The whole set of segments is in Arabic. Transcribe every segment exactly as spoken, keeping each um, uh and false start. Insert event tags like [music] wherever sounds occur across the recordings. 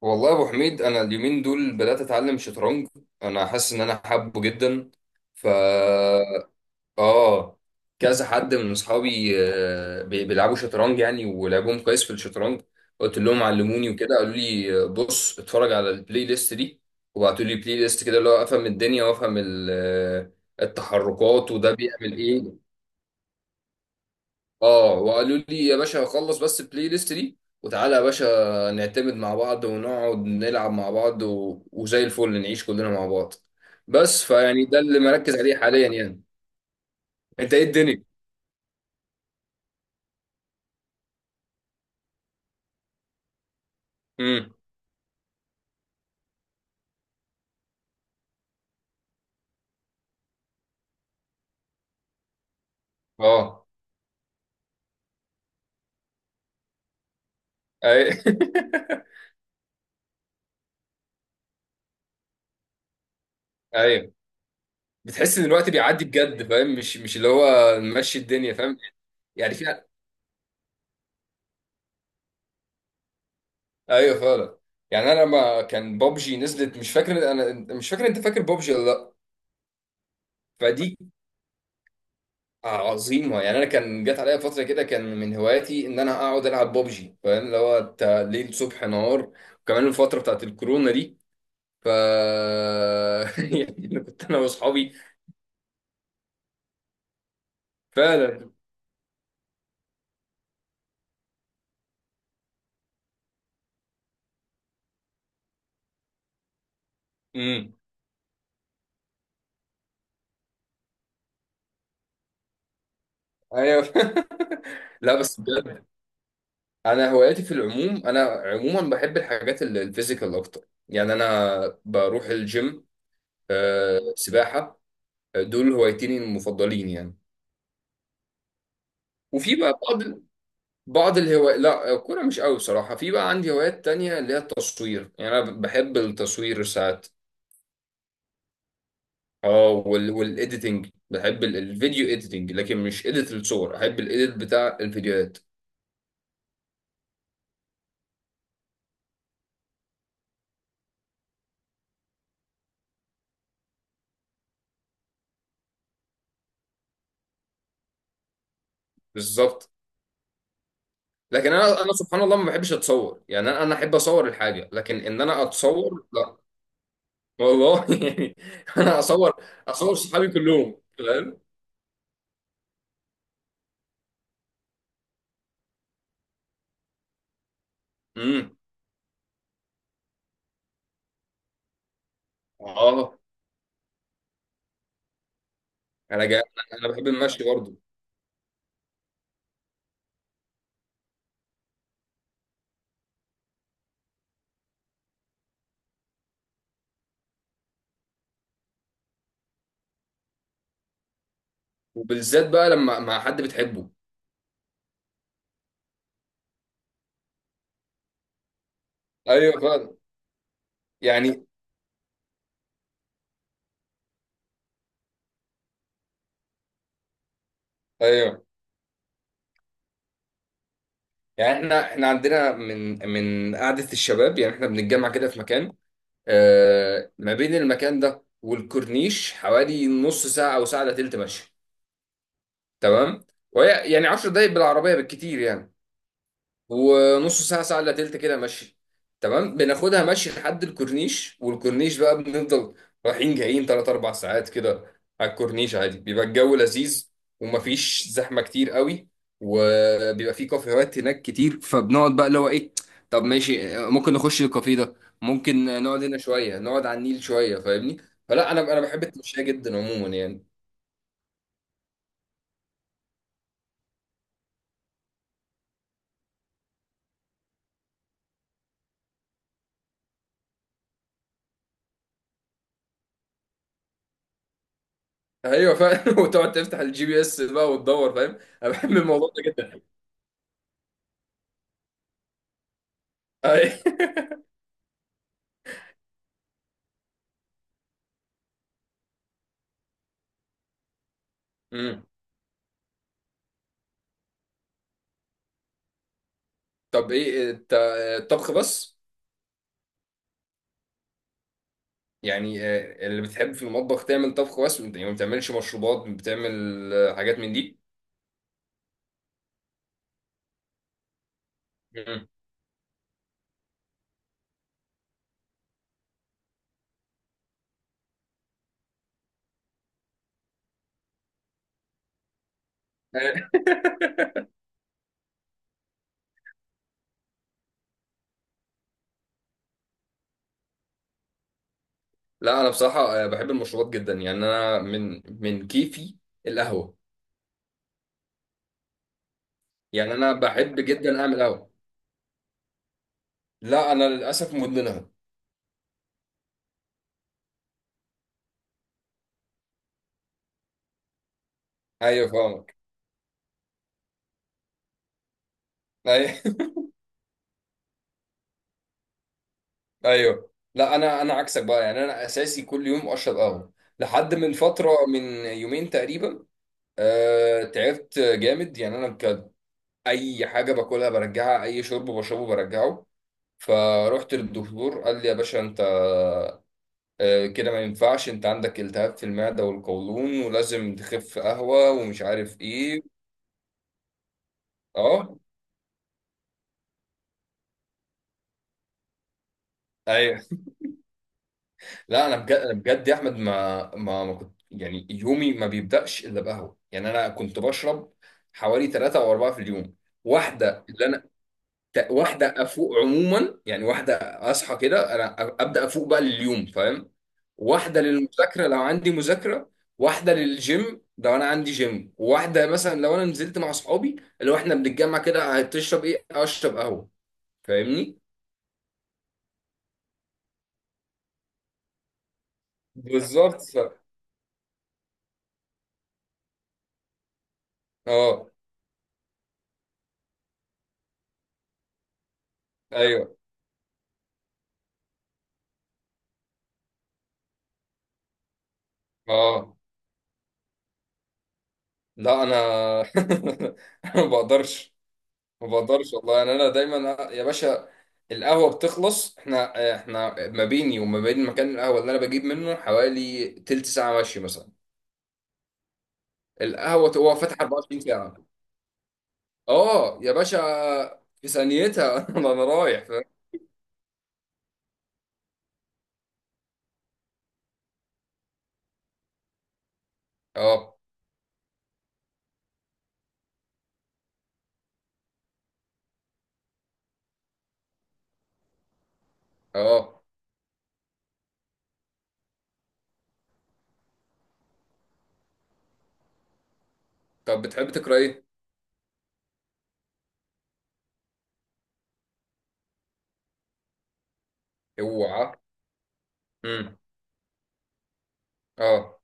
والله يا ابو حميد، انا اليومين دول بدات اتعلم شطرنج. انا حاسس ان انا حابه جدا. ف اه كذا حد من اصحابي، آه، بي- بيلعبوا شطرنج يعني، ولعبهم كويس في الشطرنج. قلت لهم علموني وكده، قالوا لي آه، بص اتفرج على البلاي ليست دي. وبعتوا لي بلاي ليست كده، اللي هو افهم الدنيا وافهم ال- آه، التحركات وده بيعمل ايه. اه، وقالوا لي يا باشا خلص بس البلاي ليست دي، وتعالى يا باشا نعتمد مع بعض، ونقعد نلعب مع بعض و... وزي الفل نعيش كلنا مع بعض. بس فيعني ده اللي مركز عليه حاليا يعني. انت ايه الدنيا؟ امم، اه، اي. [laughs] ايوه، بتحس ان الوقت بيعدي بجد فاهم، مش مش اللي هو نمشي الدنيا فاهم. يعني في، ايوه فعلا. يعني انا لما كان بابجي نزلت، مش فاكر، انا مش فاكر، انت فاكر بابجي ولا لا؟ فدي عظيمة. يعني أنا كان جات عليا فترة كده، كان من هواياتي إن أنا أقعد ألعب ببجي فاهم، اللي هو تا- ليل صبح نهار. وكمان الفترة بتاعت الكورونا دي. ف [laughs] يعني كنت أنا وأصحابي فعلا. امم، أيوه. [laughs] لا بس بجد، أنا هواياتي في العموم، أنا عموما بحب الحاجات ال- الفيزيكال أكتر. يعني أنا بروح الجيم، آه، سباحة. آه، دول هوايتين المفضلين يعني. وفي بقى بعض بعض الهوايات. لا، الكورة مش قوي بصراحة. في بقى عندي هوايات تانية، اللي هي التصوير. يعني أنا بحب التصوير ساعات. اه، وال... والإيديتنج، بحب ال- الفيديو إيديتنج، لكن مش إيديت الصور. أحب الإيديت بتاع الفيديوهات. بالظبط. لكن أنا أنا سبحان الله ما بحبش أتصور. يعني أنا أنا أحب أصور الحاجة، لكن إن أنا أتصور لا. والله. [laughs] يعني أنا أصور. أصور صحابي كلهم، فاهم؟ امم، اه. أنا جا... أنا بحب المشي برضه، وبالذات بقى لما مع حد بتحبه. ايوه فعلا. يعني، ايوه. يعني احنا احنا عندنا من، من قعده الشباب. يعني احنا بنتجمع كده في مكان. آه، ما بين المكان ده والكورنيش حوالي نص ساعه او ساعه الا تلت ماشي. تمام. وهي يعني 10 دقايق بالعربيه بالكتير يعني. ونص ساعة ساعة إلا تلت كده مشي. تمام. بناخدها مشي لحد الكورنيش، والكورنيش بقى بنفضل رايحين جايين تلات أربع ساعات كده. على الكورنيش عادي بيبقى الجو لذيذ، ومفيش زحمة كتير قوي. وبيبقى فيه كافيهات هناك كتير، فبنقعد بقى اللي هو إيه، طب ماشي، ممكن نخش الكافيه ده، ممكن نقعد هنا شوية، نقعد على النيل شوية، فاهمني؟ فلا، أنا أنا بحب التمشية جدا عموما يعني. ايوه فعلا. [laughs] وتقعد تفتح الجي بي اس بقى وتدور فاهم، انا بحب الموضوع ده جدا. أيوة. [laughs] طب ايه الت- الطبخ بس؟ يعني آه، اللي بتحب في المطبخ تعمل طبخ بس، وانت يعني ما بتعملش مشروبات، بتعمل آه، حاجات من دي؟ مم. [laughs] لا انا بصراحه، آه، بحب المشروبات جدا. يعني انا من، من كيفي القهوه. يعني انا بحب جدا اعمل قهوه. لا، انا للاسف مدمنها. ايوه، فاهمك. ايوه. [laughs] ايوه، لا انا انا عكسك بقى. يعني انا اساسي كل يوم اشرب قهوه لحد من فتره، من يومين تقريبا. آه، تعبت جامد يعني. انا اي حاجه باكلها برجعها، اي شرب بشربه برجعه. فروحت للدكتور، قال لي يا باشا انت آه، كده ما ينفعش. انت عندك التهاب في المعده والقولون، ولازم تخف قهوه ومش عارف ايه. اه، ايوه. لا انا بجد، انا بجد يا احمد، ما ما ما كنت يعني يومي ما بيبداش الا بقهوه. يعني انا كنت بشرب حوالي ثلاثة او اربعة في اليوم. واحده اللي ت- واحده افوق عموما، يعني واحده اصحى كده انا أ- ابدا افوق بقى لليوم فاهم. واحده للمذاكره لو عندي مذاكره، واحده للجيم لو انا عندي جيم، واحده مثلا لو انا نزلت مع اصحابي، اللي هو احنا بنتجمع كده، هتشرب ايه؟ اشرب قهوه. فاهمني؟ بالظبط. ف- اه، ايوه، اه. لا انا. [laughs] أنا ما بقدرش، ما بقدرش والله. يعني انا دايما يا باشا القهوه بتخلص، احنا احنا ما بيني وما بين مكان القهوه اللي انا بجيب منه حوالي تلت ساعه مشي مثلا. القهوه هو فاتح 24 ساعه. اه يا باشا، في ثانيتها. [laughs] انا أنا رايح فاهم. اه، اه. طب بتحب تقرا ايه؟ اوعى. امم، اه.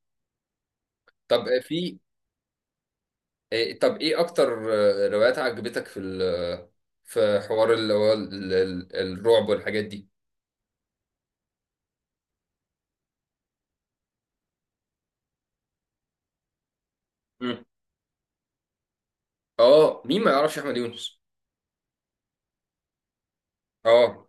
طب في إيه- طب ايه اكتر آه، روايات عجبتك في ال- في حوار اللي هو ال- ال- الرعب والحاجات دي؟ مم. اه، مين ما يعرفش احمد يونس. اه،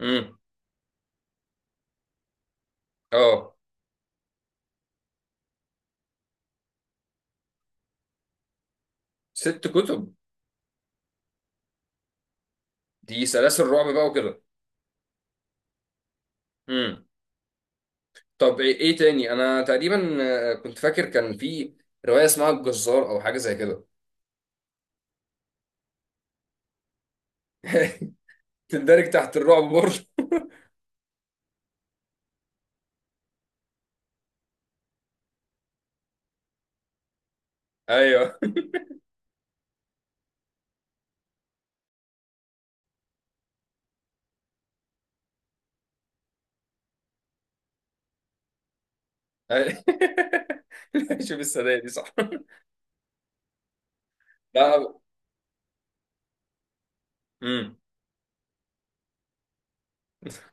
امم، اه. ست كتب. دي سلاسل رعب بقى وكده. امم. طب ايه إيه تاني؟ انا تقريبا آه، كنت فاكر كان في روايه اسمها الجزار او حاجه زي كده. [laughs] تندرج تحت الرعب برضه. ايوه. أي- [laughs] شوف السنه دي صح. لا. امم.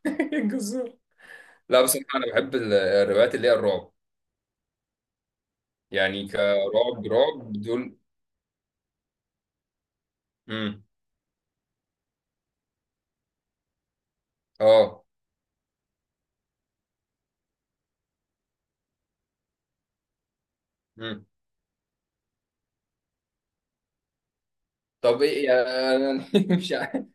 [laughs] الجزار. لا بصراحه انا بحب ال- الروايات اللي هي الرعب. يعني كرعب رعب دول. امم، اه، امم. طب ايه يعني؟ [laughs] مش عارف.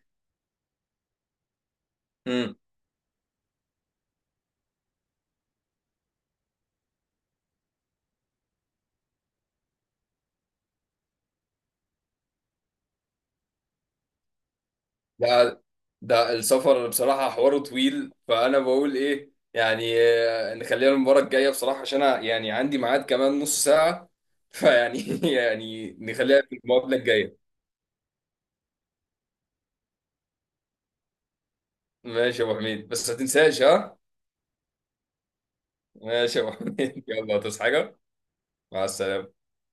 ده ده السفر بصراحة حواره طويل. فأنا بقول إيه يعني آه، نخليها المباراة الجاية بصراحة، عشان أنا يعني عندي ميعاد كمان نص ساعة. فيعني [laughs] يعني نخليها في المقابلة الجاية. ماشي يا أبو حميد بس ما تنساش، ها. ماشي يا أبو حميد. [laughs] يلا تصحى حاجة. مع السلامة.